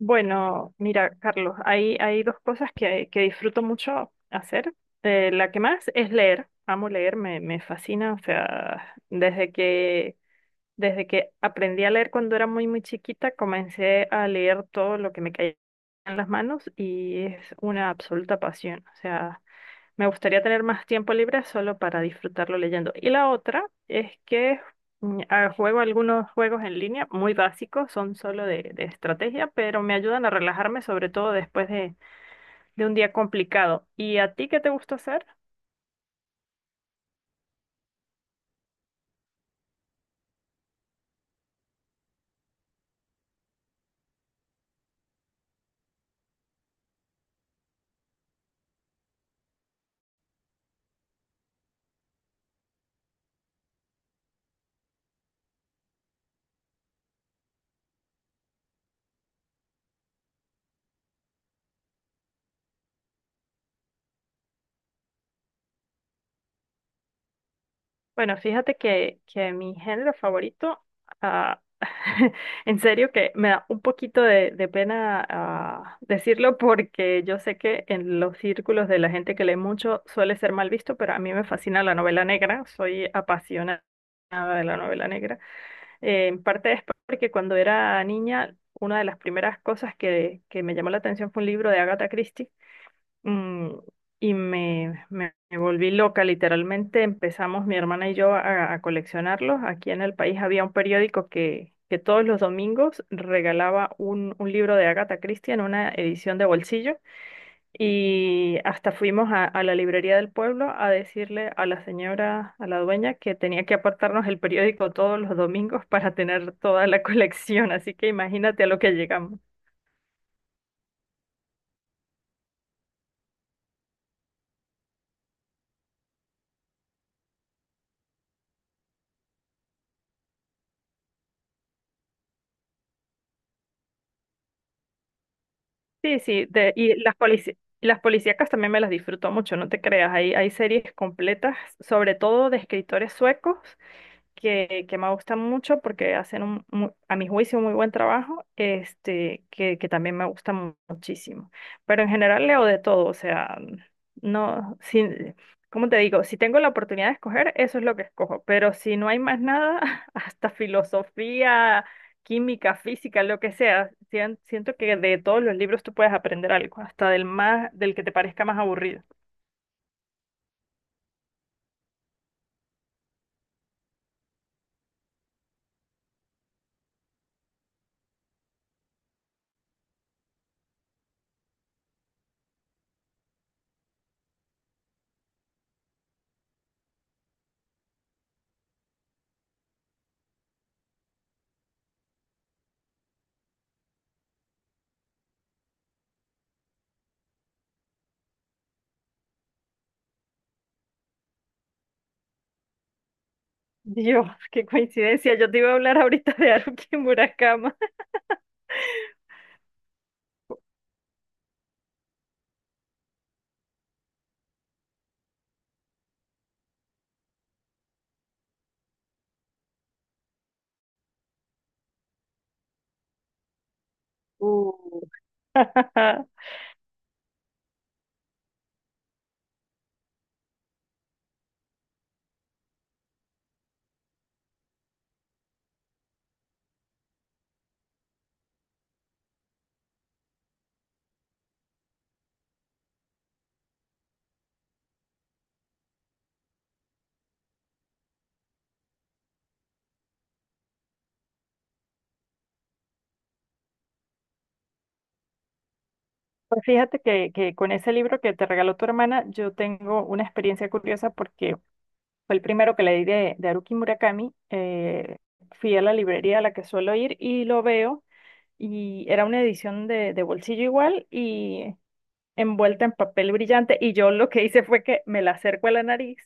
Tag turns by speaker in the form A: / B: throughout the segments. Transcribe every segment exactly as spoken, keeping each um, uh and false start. A: Bueno, mira, Carlos, hay, hay dos cosas que, que disfruto mucho hacer. Eh, la que más es leer. Amo leer, me, me fascina. O sea, desde que, desde que aprendí a leer cuando era muy, muy chiquita, comencé a leer todo lo que me caía en las manos y es una absoluta pasión. O sea, me gustaría tener más tiempo libre solo para disfrutarlo leyendo. Y la otra es que mm, ah, juego algunos juegos en línea muy básicos, son solo de, de estrategia, pero me ayudan a relajarme, sobre todo después de, de un día complicado. ¿Y a ti qué te gusta hacer? Bueno, fíjate que, que mi género favorito, ah, en serio que me da un poquito de, de pena ah, decirlo porque yo sé que en los círculos de la gente que lee mucho suele ser mal visto, pero a mí me fascina la novela negra, soy apasionada de la novela negra. Eh, en parte es porque cuando era niña, una de las primeras cosas que, que me llamó la atención fue un libro de Agatha Christie mm, y me, me- me volví loca, literalmente empezamos mi hermana y yo a, a coleccionarlos. Aquí en el país había un periódico que, que todos los domingos regalaba un, un libro de Agatha Christie en una edición de bolsillo y hasta fuimos a, a la librería del pueblo a decirle a la señora, a la dueña, que tenía que apartarnos el periódico todos los domingos para tener toda la colección. Así que imagínate a lo que llegamos. Sí, sí, de- y las polici- las policíacas también me las disfruto mucho, no te creas, hay, hay series completas, sobre todo de escritores suecos, que, que me gusta mucho porque hacen un, mu- a mi juicio un muy buen trabajo, este, que, que también me gusta mu- muchísimo. Pero en general leo de todo, o sea, no, si, ¿cómo te digo? Si tengo la oportunidad de escoger, eso es lo que escojo, pero si no hay más nada, hasta filosofía, química, física, lo que sea, sien- siento que de todos los libros tú puedes aprender algo, hasta del más, del que te parezca más aburrido. Dios, qué coincidencia, yo te iba a hablar ahorita de Haruki Murakama. Uh. Pues fíjate que, que con ese libro que te regaló tu hermana, yo tengo una experiencia curiosa porque fue el primero que leí de, de Haruki Murakami. Eh, fui a la librería a la que suelo ir y lo veo y era una edición de, de bolsillo igual y envuelta en papel brillante y yo lo que hice fue que me la acerco a la nariz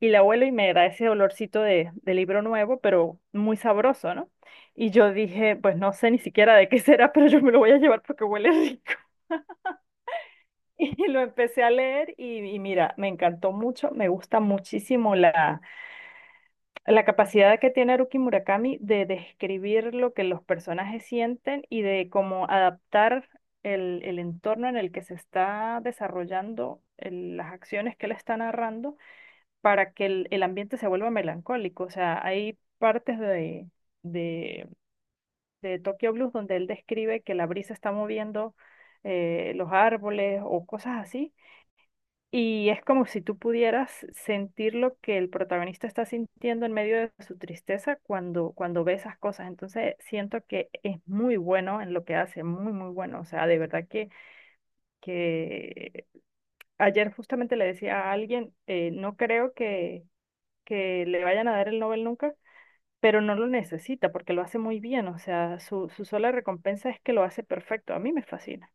A: y la huelo y me da ese olorcito de, de libro nuevo, pero muy sabroso, ¿no? Y yo dije, pues no sé ni siquiera de qué será, pero yo me lo voy a llevar porque huele rico. Y lo empecé a leer y, y mira, me encantó mucho, me gusta muchísimo la, la capacidad que tiene Haruki Murakami de describir lo que los personajes sienten y de cómo adaptar el, el entorno en el que se está desarrollando el- las acciones que él está narrando para que el, el ambiente se vuelva melancólico. O sea, hay partes de, de, de Tokyo Blues donde él describe que la brisa está moviendo eh, los árboles o cosas así y es como si tú pudieras sentir lo que el protagonista está sintiendo en medio de su tristeza cuando, cuando ve esas cosas. Entonces siento que es muy bueno en lo que hace, muy, muy bueno. O sea, de verdad que, que ayer justamente le decía a alguien, eh, no creo que, que le vayan a dar el Nobel nunca, pero no lo necesita porque lo hace muy bien. O sea, su, su sola recompensa es que lo hace perfecto. A mí me fascina.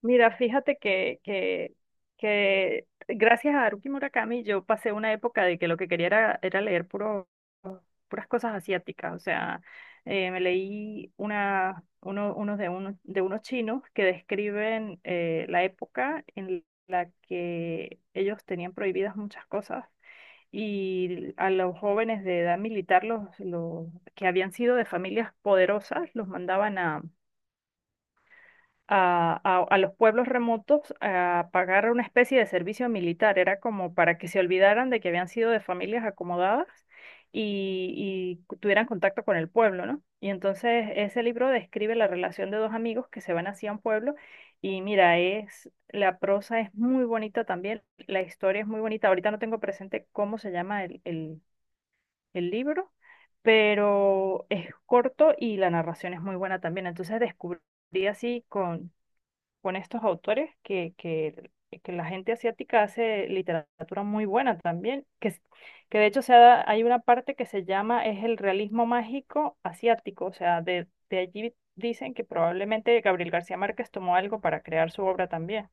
A: Mira, fíjate que, que, que gracias a Haruki Murakami yo pasé una época de que lo que quería era, era leer puro, puras cosas asiáticas. O sea, eh, me leí una, uno, unos de, unos, de unos chinos que describen eh, la época en la que ellos tenían prohibidas muchas cosas y a los jóvenes de edad militar, los, los que habían sido de familias poderosas, los mandaban a a, a- a los pueblos remotos a pagar una especie de servicio militar. Era como para que se olvidaran de que habían sido de familias acomodadas y, y tuvieran contacto con el pueblo, ¿no? Y entonces ese libro describe la relación de dos amigos que se van hacia un pueblo y mira, es, la prosa es muy bonita también, la historia es muy bonita. Ahorita no tengo presente cómo se llama el, el el libro, pero es corto y la narración es muy buena también. Entonces descubrí así con, con estos autores que, que, que la gente asiática hace literatura muy buena también, que, s- que de hecho se ha- hay una parte que se llama es el realismo mágico asiático, o sea, de, de allí dicen que probablemente Gabriel García Márquez tomó algo para crear su obra también.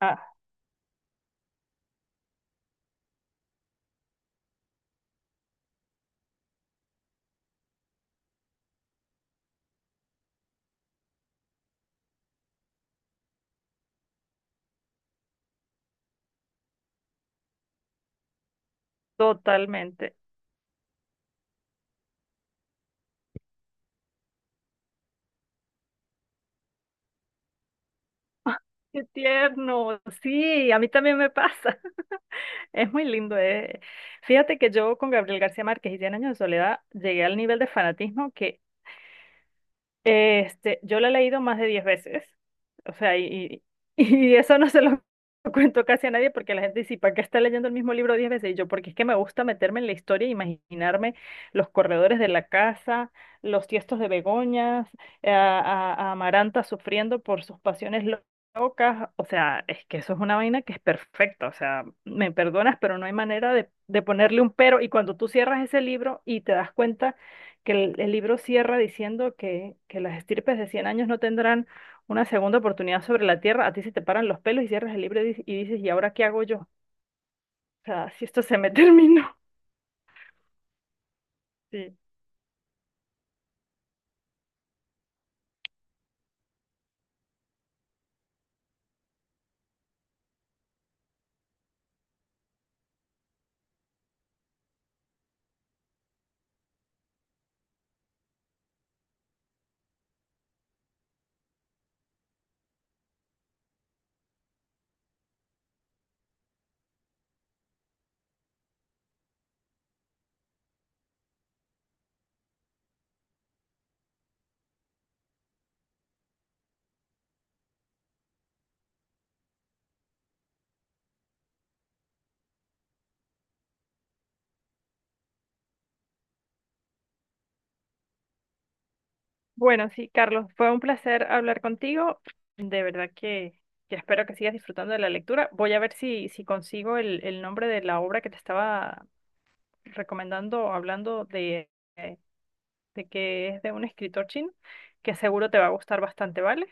A: Ah, totalmente. Qué tierno, sí, a mí también me pasa. Es muy lindo. eh. Fíjate que yo con Gabriel García Márquez y Cien años de soledad llegué al nivel de fanatismo que Este, yo lo he leído más de diez veces, o sea, y, y eso no se lo cuento casi a nadie porque la gente dice, ¿para qué está leyendo el mismo libro diez veces? Y yo, porque es que me gusta meterme en la historia e imaginarme los corredores de la casa, los tiestos de begonias, a, a- a Amaranta sufriendo por sus pasiones lo- locas, o sea, es que eso es una vaina que es perfecta, o sea, me perdonas, pero no hay manera de, de ponerle un pero, y cuando tú cierras ese libro y te das cuenta que el, el libro cierra diciendo que, que las estirpes de cien años no tendrán una segunda oportunidad sobre la tierra, a ti se te paran los pelos y cierras el libro y, dices, y dices, ¿y ahora qué hago yo? O sea, si esto se me terminó. Sí. Bueno, sí, Carlos, fue un placer hablar contigo. De verdad que, que espero que sigas disfrutando de la lectura. Voy a ver si, si consigo el, el nombre de la obra que te estaba recomendando, hablando de, eh, de que es de un escritor chino, que seguro te va a gustar bastante, ¿vale?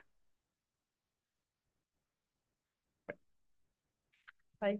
A: Bye.